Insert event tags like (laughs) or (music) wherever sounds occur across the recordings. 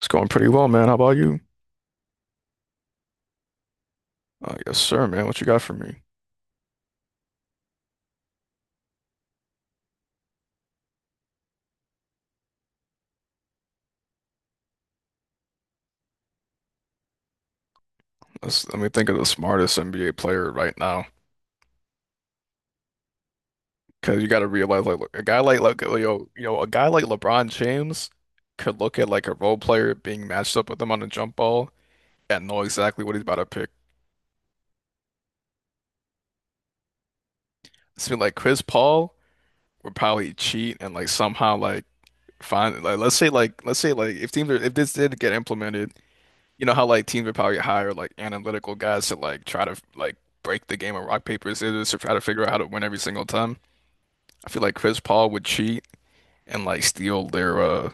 It's going pretty well, man. How about you? Yes, sir, man. What you got for me? Let me think of the smartest NBA player right now. Because you got to realize, like, look, a guy like a guy like LeBron James could look at like a role player being matched up with him on a jump ball and know exactly what he's about to pick. So like Chris Paul would probably cheat and like somehow like find like let's say like if teams are if this did get implemented you know how like teams would probably hire like analytical guys to like try to break the game of rock paper scissors to try to figure out how to win every single time. I feel like Chris Paul would cheat and like steal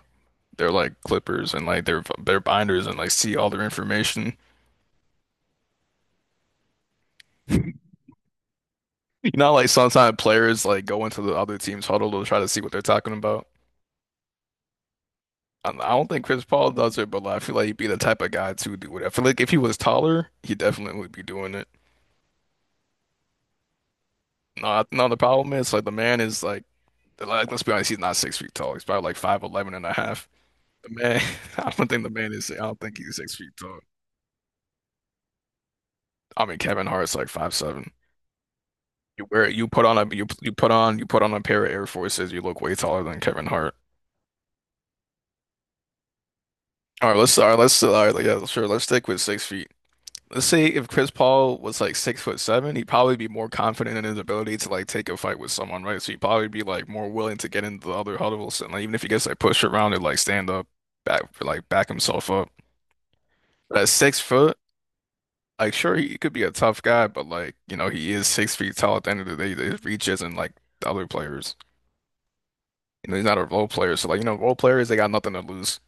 their like clippers and like their binders and like see all their information. (laughs) You know, like sometimes players like go into the other team's huddle to try to see what they're talking about. I don't think Chris Paul does it, but like, I feel like he'd be the type of guy to do it. I feel like if he was taller, he definitely would be doing it. No, the problem is like Like, let's be honest, he's not 6 feet tall. He's probably like 5'11" and a half. The man, (laughs) I don't think he's 6 feet tall. I mean, Kevin Hart's like 5'7". You wear, you put on a, you, you put on a pair of Air Forces, you look way taller than Kevin Hart. All right, yeah, sure, let's stick with 6 feet. Let's say if Chris Paul was like 6'7", he'd probably be more confident in his ability to like take a fight with someone, right? So he'd probably be like more willing to get into the other huddles and like even if he gets like pushed around and like stand up, back himself up. But at 6 foot, like, sure, he could be a tough guy, but like, you know, he is 6 feet tall at the end of the day. His reach isn't like the other players. You know, he's not a role player. So like, you know, role players, they got nothing to lose.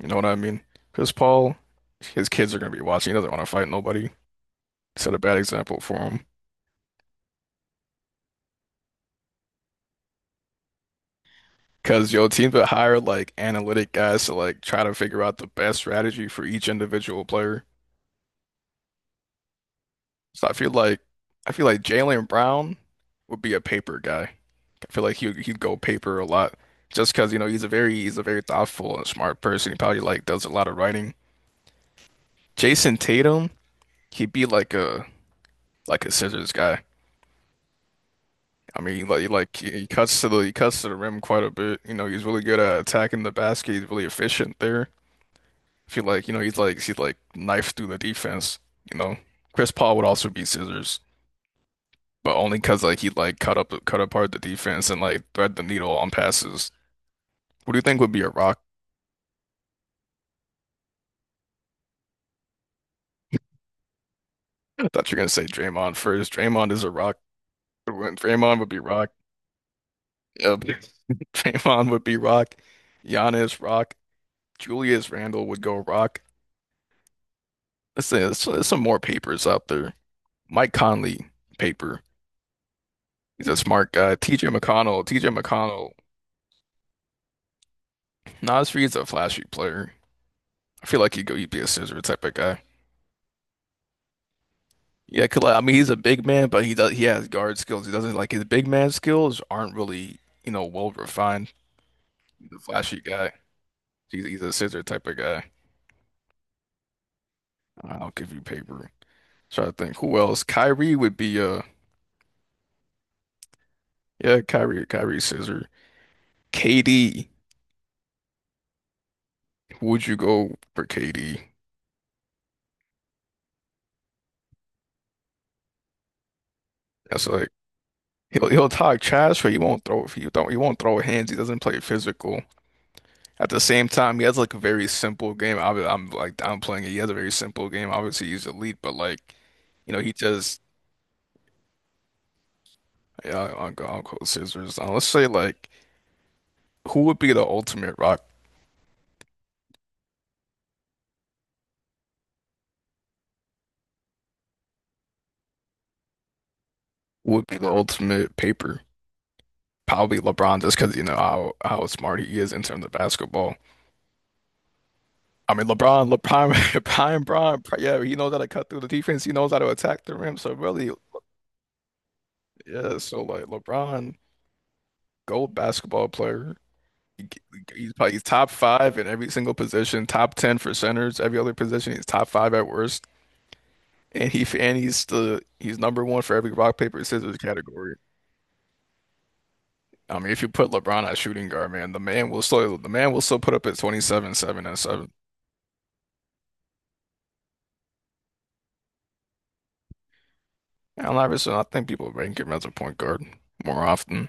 You know what I mean? Chris Paul, his kids are gonna be watching. He doesn't want to fight nobody. Set a bad example for him. Because your team would hire like analytic guys to like try to figure out the best strategy for each individual player. So I feel like I feel like Jaylen Brown would be a paper guy. I feel like he'd go paper a lot just because you know he's a very thoughtful and smart person. He probably like does a lot of writing. Jason Tatum, he'd be like a scissors guy. I mean, he cuts to the he cuts to the rim quite a bit. You know, he's really good at attacking the basket. He's really efficient there. I feel like you know he's like knife through the defense. You know, Chris Paul would also be scissors, but only because like he like cut apart the defense and like thread the needle on passes. What do you think would be a rock? I thought you were gonna say Draymond first. Draymond is a rock. Draymond would be rock. Yep. (laughs) Draymond would be rock. Giannis rock. Julius Randle would go rock. Let's say there's some more papers out there. Mike Conley paper. He's a smart guy. TJ McConnell. TJ McConnell. Nasri is a flashy player. I feel like he'd be a scissor type of guy. Yeah, 'cause, like, I mean, he's a big man, but he has guard skills. He doesn't like his big man skills aren't really, you know, well refined. He's a flashy guy. He's a scissor type of guy. I'll give you paper. Try to think who else. Kyrie would be yeah, Kyrie scissor. KD, who would you go for KD? That's like he'll talk trash, but he won't throw hands. He doesn't play physical. At the same time, he has like a very simple game. I'm like downplaying it. He has a very simple game. Obviously, he's elite, but like, you know, he just yeah, I'll go scissors. Let's say like, who would be the ultimate rock? Who would be the ultimate paper? Probably LeBron, just because you know how smart he is in terms of basketball. I mean, LeBron, LeBron, (laughs) LeBron, Bron, yeah, he knows how to cut through the defense. He knows how to attack the rim. So really, yeah. So like, LeBron, gold basketball player. He's probably he's top 5 in every single position, top 10 for centers, every other position. He's top 5 at worst, and he's number one for every rock paper scissors category. I mean, if you put LeBron at shooting guard, man, the man will still put up at 27, 7, and 7. Allen Iverson, I think people rank him as a point guard more often.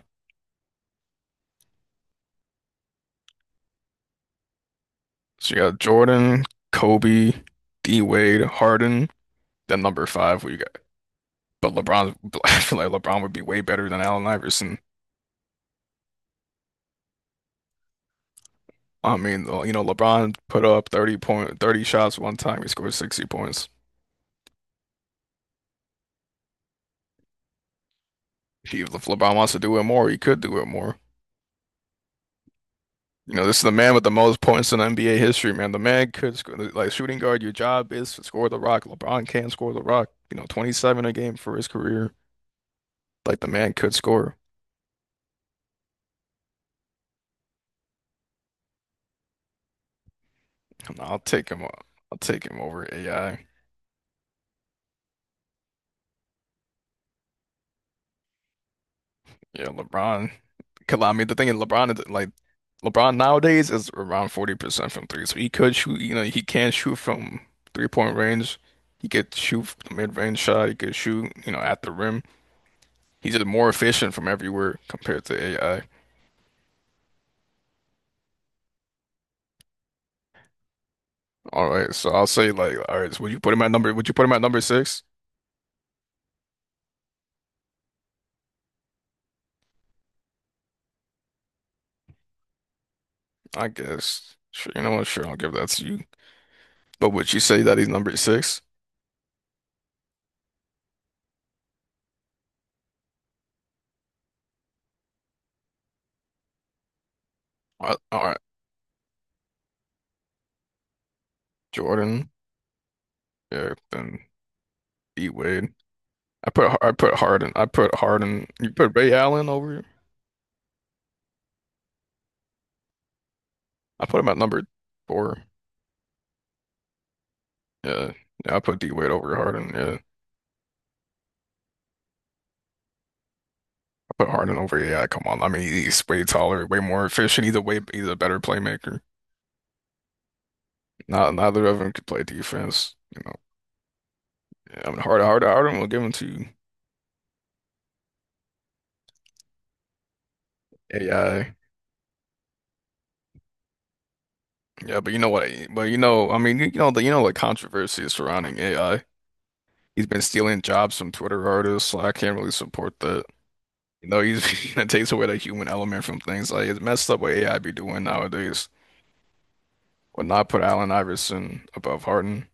So you got Jordan, Kobe, D Wade, Harden, then number 5 we got. But LeBron, (laughs) I feel like LeBron would be way better than Allen Iverson. I mean, you know, LeBron put up 30 shots one time. He scored 60 points. He, if LeBron wants to do it more, he could do it more. You know, this is the man with the most points in NBA history, man. The man could score, like shooting guard, your job is to score the rock. LeBron can score the rock. You know, 27 a game for his career. Like the man could score. I'll take him. I'll take him over AI. Yeah, LeBron. Cause I mean, the thing is, LeBron nowadays is around 40% from three. So he could shoot, you know, he can shoot from three-point range. He could shoot from the mid-range shot. He could shoot, you know, at the rim. He's just more efficient from everywhere compared to AI. All right, so I'll say like, all right, so Would you put him at number 6? I guess. Sure, you know what? Sure, I'll give that to you. But would you say that he's number 6? All right, all right. Jordan. Yeah, then D Wade. I put Harden. I put Harden. You put Ray Allen over. I put him at number four. Yeah, yeah. I put D Wade over Harden. Yeah, I put Harden over. Yeah, come on. I mean, he's way taller, way more efficient. Either way, he's a better playmaker. Not neither of them could play defense. You know, yeah, I mean, Harden, Harden will give him to AI. Yeah, but you know what? But you know, I mean, you know the controversy surrounding AI. He's been stealing jobs from Twitter artists, so I can't really support that. You know, he's (laughs) it takes away the human element from things. Like it's messed up what AI be doing nowadays. Would not put Allen Iverson above Harden.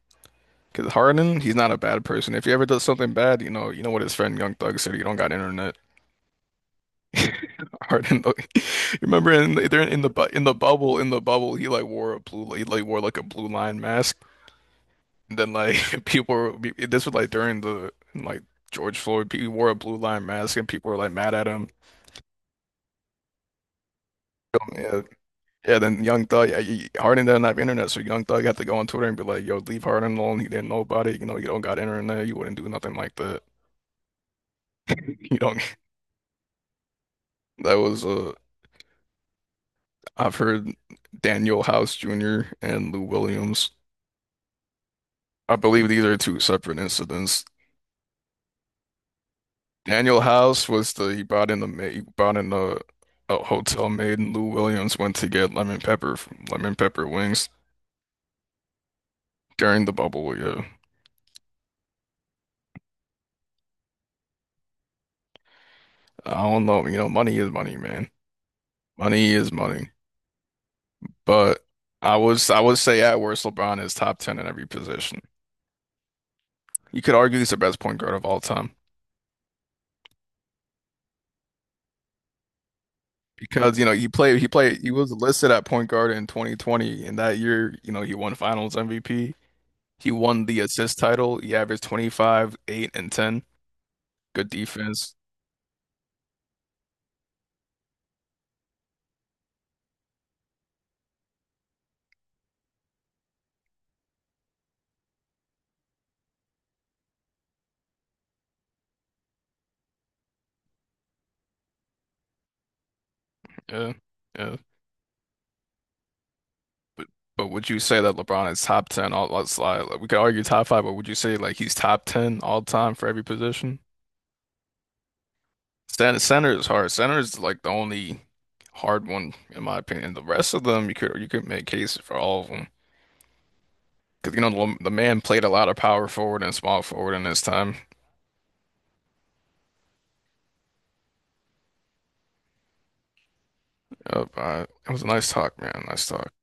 Because Harden, he's not a bad person. If he ever does something bad, you know what his friend Young Thug said. You don't got internet. Harden, like, (laughs) you remember in the, they're in the bubble in the bubble. He like wore a blue, he like wore like a blue line mask. And then like (laughs) this was like during the like George Floyd. He wore a blue line mask, and people were like mad at him. Yeah, Yeah, then Young Thug, yeah, Harden doesn't have internet, so Young Thug had to go on Twitter and be like, "Yo, leave Harden alone. He didn't know about it. You know, you don't got internet. You wouldn't do nothing like that. (laughs) You don't." That was I've heard Daniel House Jr. and Lou Williams. I believe these are two separate incidents. Daniel House was the he brought in a hotel maid, and Lou Williams went to get lemon pepper from lemon pepper wings during the bubble. Yeah, I don't know. You know, money is money, man. Money is money. But I would say at worst LeBron is top 10 in every position. You could argue he's the best point guard of all time because you know he was listed at point guard in 2020 and that year you know he won Finals MVP. He won the assist title. He averaged 25, 8, and 10. Good defense. Yeah, yeah. But would you say that LeBron is top 10 all let's like, we could argue top 5, but would you say like he's top 10 all time for every position? Center is hard. Center is like the only hard one in my opinion. The rest of them, you could make cases for all of them because you know the man played a lot of power forward and small forward in his time. It was a nice talk, man. Nice talk.